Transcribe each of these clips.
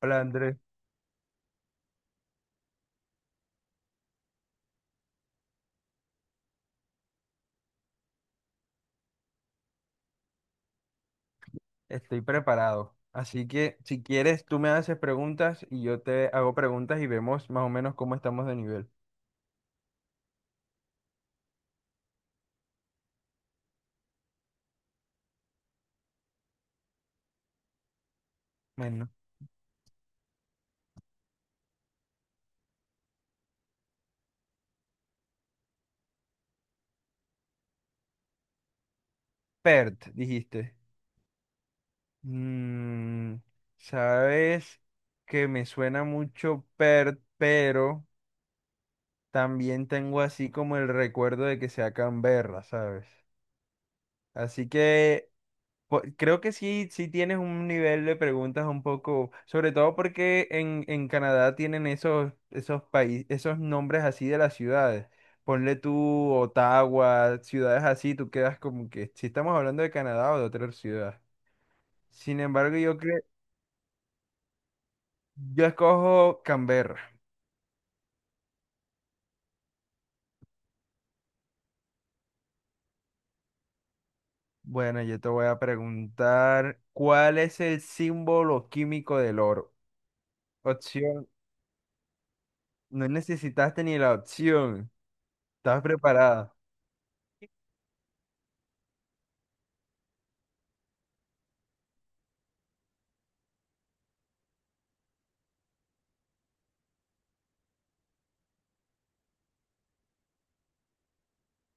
Hola Andrés, estoy preparado. Así que si quieres, tú me haces preguntas y yo te hago preguntas y vemos más o menos cómo estamos de nivel. Bueno, Pert, dijiste. Mm, sabes que me suena mucho Pert, pero también tengo así como el recuerdo de que sea Canberra, ¿sabes? Así que creo que sí, sí tienes un nivel de preguntas un poco, sobre todo porque en Canadá tienen esos países, esos nombres así de las ciudades. Ponle tú Ottawa, ciudades así, tú quedas como que si estamos hablando de Canadá o de otra ciudad. Sin embargo, yo creo, yo escojo Canberra. Bueno, yo te voy a preguntar, ¿cuál es el símbolo químico del oro? Opción, no necesitaste ni la opción. ¿Estás preparada?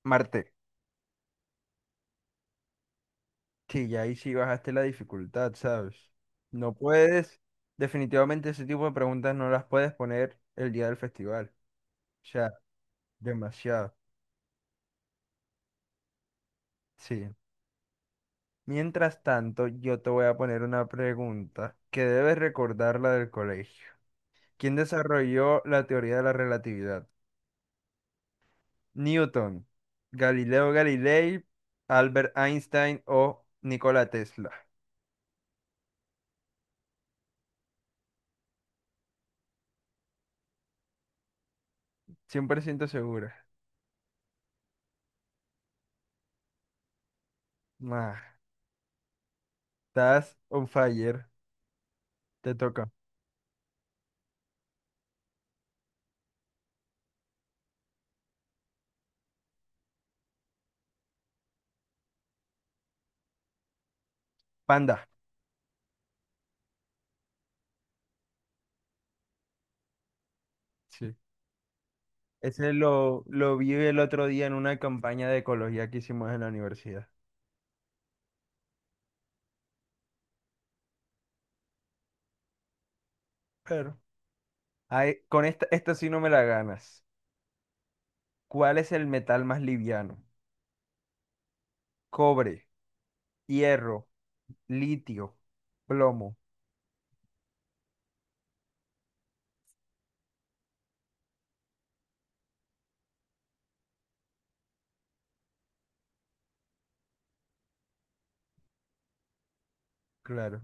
Marte. Sí, ya ahí sí bajaste la dificultad, ¿sabes? No puedes, definitivamente ese tipo de preguntas no las puedes poner el día del festival. O sea, demasiado. Sí. Mientras tanto, yo te voy a poner una pregunta que debes recordarla del colegio. ¿Quién desarrolló la teoría de la relatividad? Newton, Galileo Galilei, Albert Einstein o Nikola Tesla. 100% segura. Ma, estás on fire. Te toca. Panda. Sí. Ese lo vi el otro día en una campaña de ecología que hicimos en la universidad. Pero, ay, con esta, esta sí no me la ganas. ¿Cuál es el metal más liviano? Cobre, hierro, litio, plomo. Claro.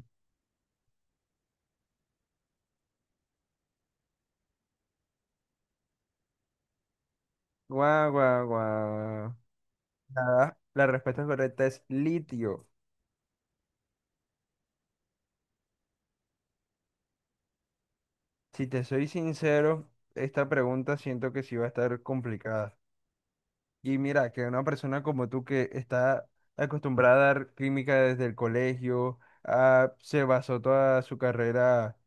Guau, guau, guau. Nada, la respuesta correcta es litio. Si te soy sincero, esta pregunta siento que sí va a estar complicada. Y mira, que una persona como tú que está acostumbrada a dar química desde el colegio, ah, se basó toda su carrera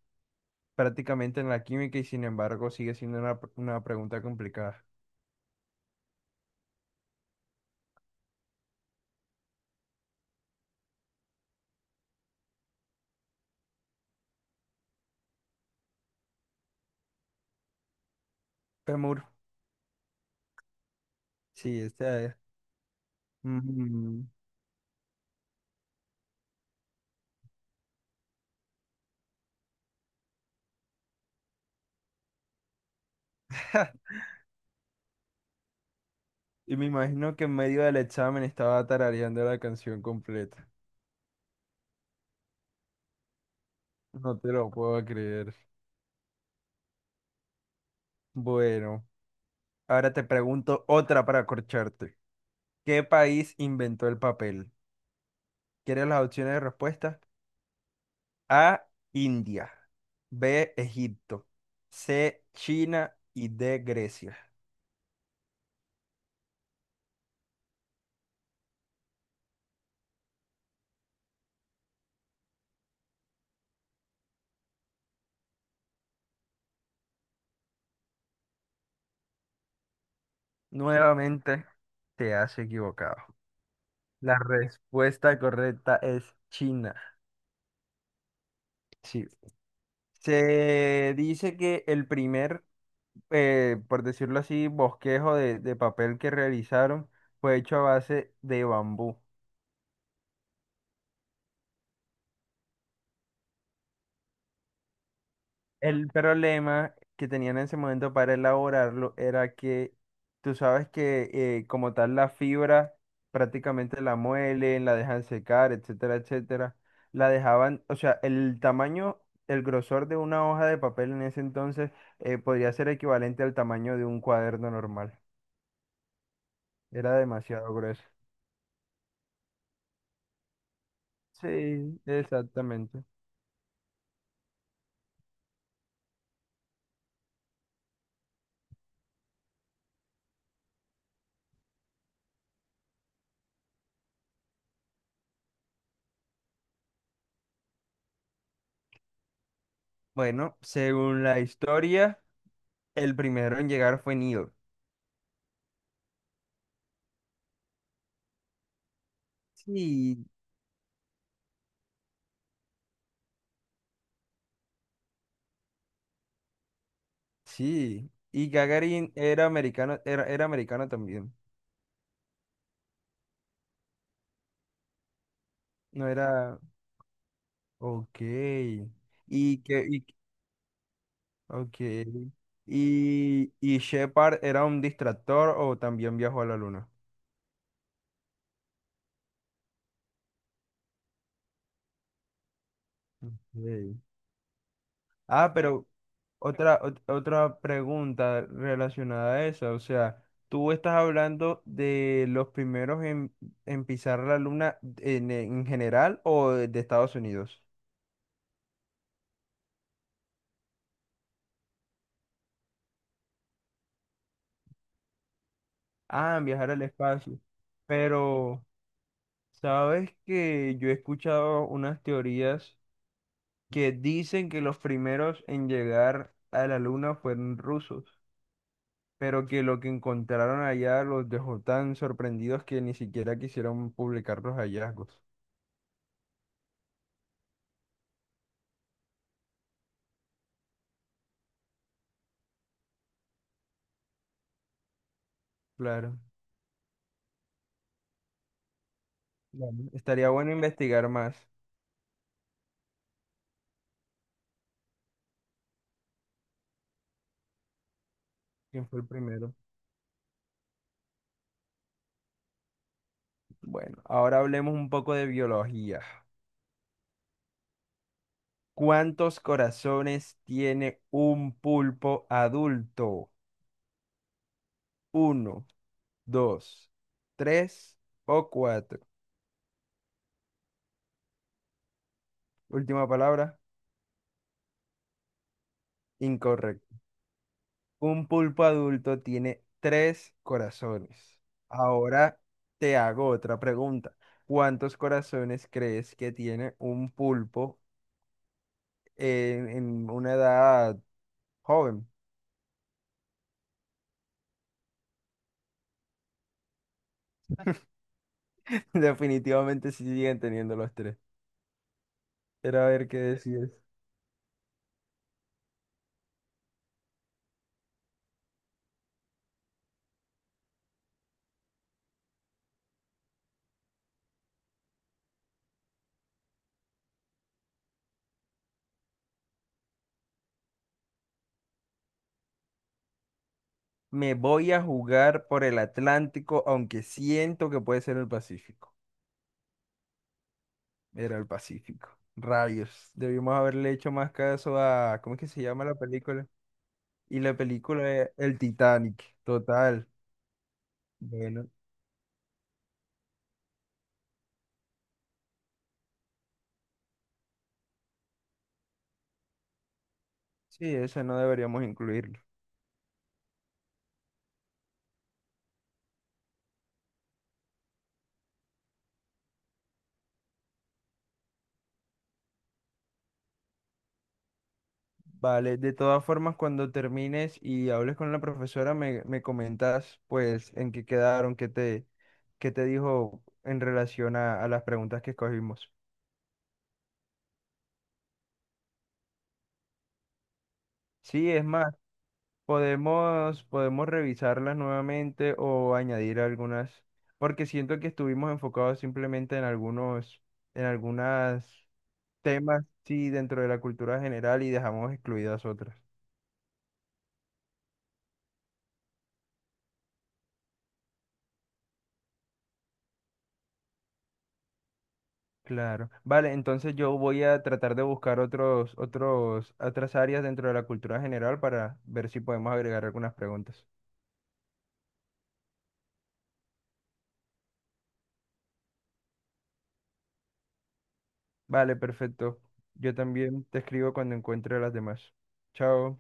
prácticamente en la química y sin embargo sigue siendo una pregunta complicada. Femur, sí, esta es. Mm. Ja. Y me imagino que en medio del examen estaba tarareando la canción completa. No te lo puedo creer. Bueno, ahora te pregunto otra para acorcharte. ¿Qué país inventó el papel? ¿Quieres las opciones de respuesta? A, India. B, Egipto. C, China y D, Grecia. Nuevamente te has equivocado. La respuesta correcta es China. Sí. Se dice que el por decirlo así, bosquejo de papel que realizaron fue hecho a base de bambú. El problema que tenían en ese momento para elaborarlo era que tú sabes que como tal la fibra prácticamente la muelen, la dejan secar, etcétera, etcétera. La dejaban, o sea, el tamaño, el grosor de una hoja de papel en ese entonces podría ser equivalente al tamaño de un cuaderno normal. Era demasiado grueso. Sí, exactamente. Bueno, según la historia, el primero en llegar fue Nido. Sí, Sí, y Gagarin era americano, era americano también. No era. Ok. Y que. Y, ok. Y Shepard era un distractor o también viajó a la luna. Ok. Ah, pero otra pregunta relacionada a esa. O sea, tú estás hablando de los primeros en pisar la luna en general o de Estados Unidos. Ah, en viajar al espacio. Pero. Sabes que yo he escuchado unas teorías que dicen que los primeros en llegar a la luna fueron rusos, pero que lo que encontraron allá los dejó tan sorprendidos que ni siquiera quisieron publicar los hallazgos. Claro, claro. Estaría bueno investigar más quién fue el primero. Bueno, ahora hablemos un poco de biología. ¿Cuántos corazones tiene un pulpo adulto? ¿Uno, dos, tres o cuatro? Última palabra, incorrecto. Un pulpo adulto tiene tres corazones. Ahora te hago otra pregunta. ¿Cuántos corazones crees que tiene un pulpo en una edad joven? Definitivamente sí siguen teniendo los tres. Pero a ver qué decides. Me voy a jugar por el Atlántico, aunque siento que puede ser el Pacífico. Era el Pacífico. Rayos. Debimos haberle hecho más caso a... ¿Cómo es que se llama la película? Y la película es El Titanic, total. Bueno, sí, esa no deberíamos incluirlo. Vale, de todas formas, cuando termines y hables con la profesora, me comentas pues en qué quedaron, qué te dijo en relación a las preguntas que escogimos. Sí, es más, podemos revisarlas nuevamente o añadir algunas, porque siento que estuvimos enfocados simplemente en algunos, en algunas temas, sí, dentro de la cultura general y dejamos excluidas otras. Claro. Vale, entonces yo voy a tratar de buscar otras áreas dentro de la cultura general para ver si podemos agregar algunas preguntas. Vale, perfecto. Yo también te escribo cuando encuentre las demás. Chao.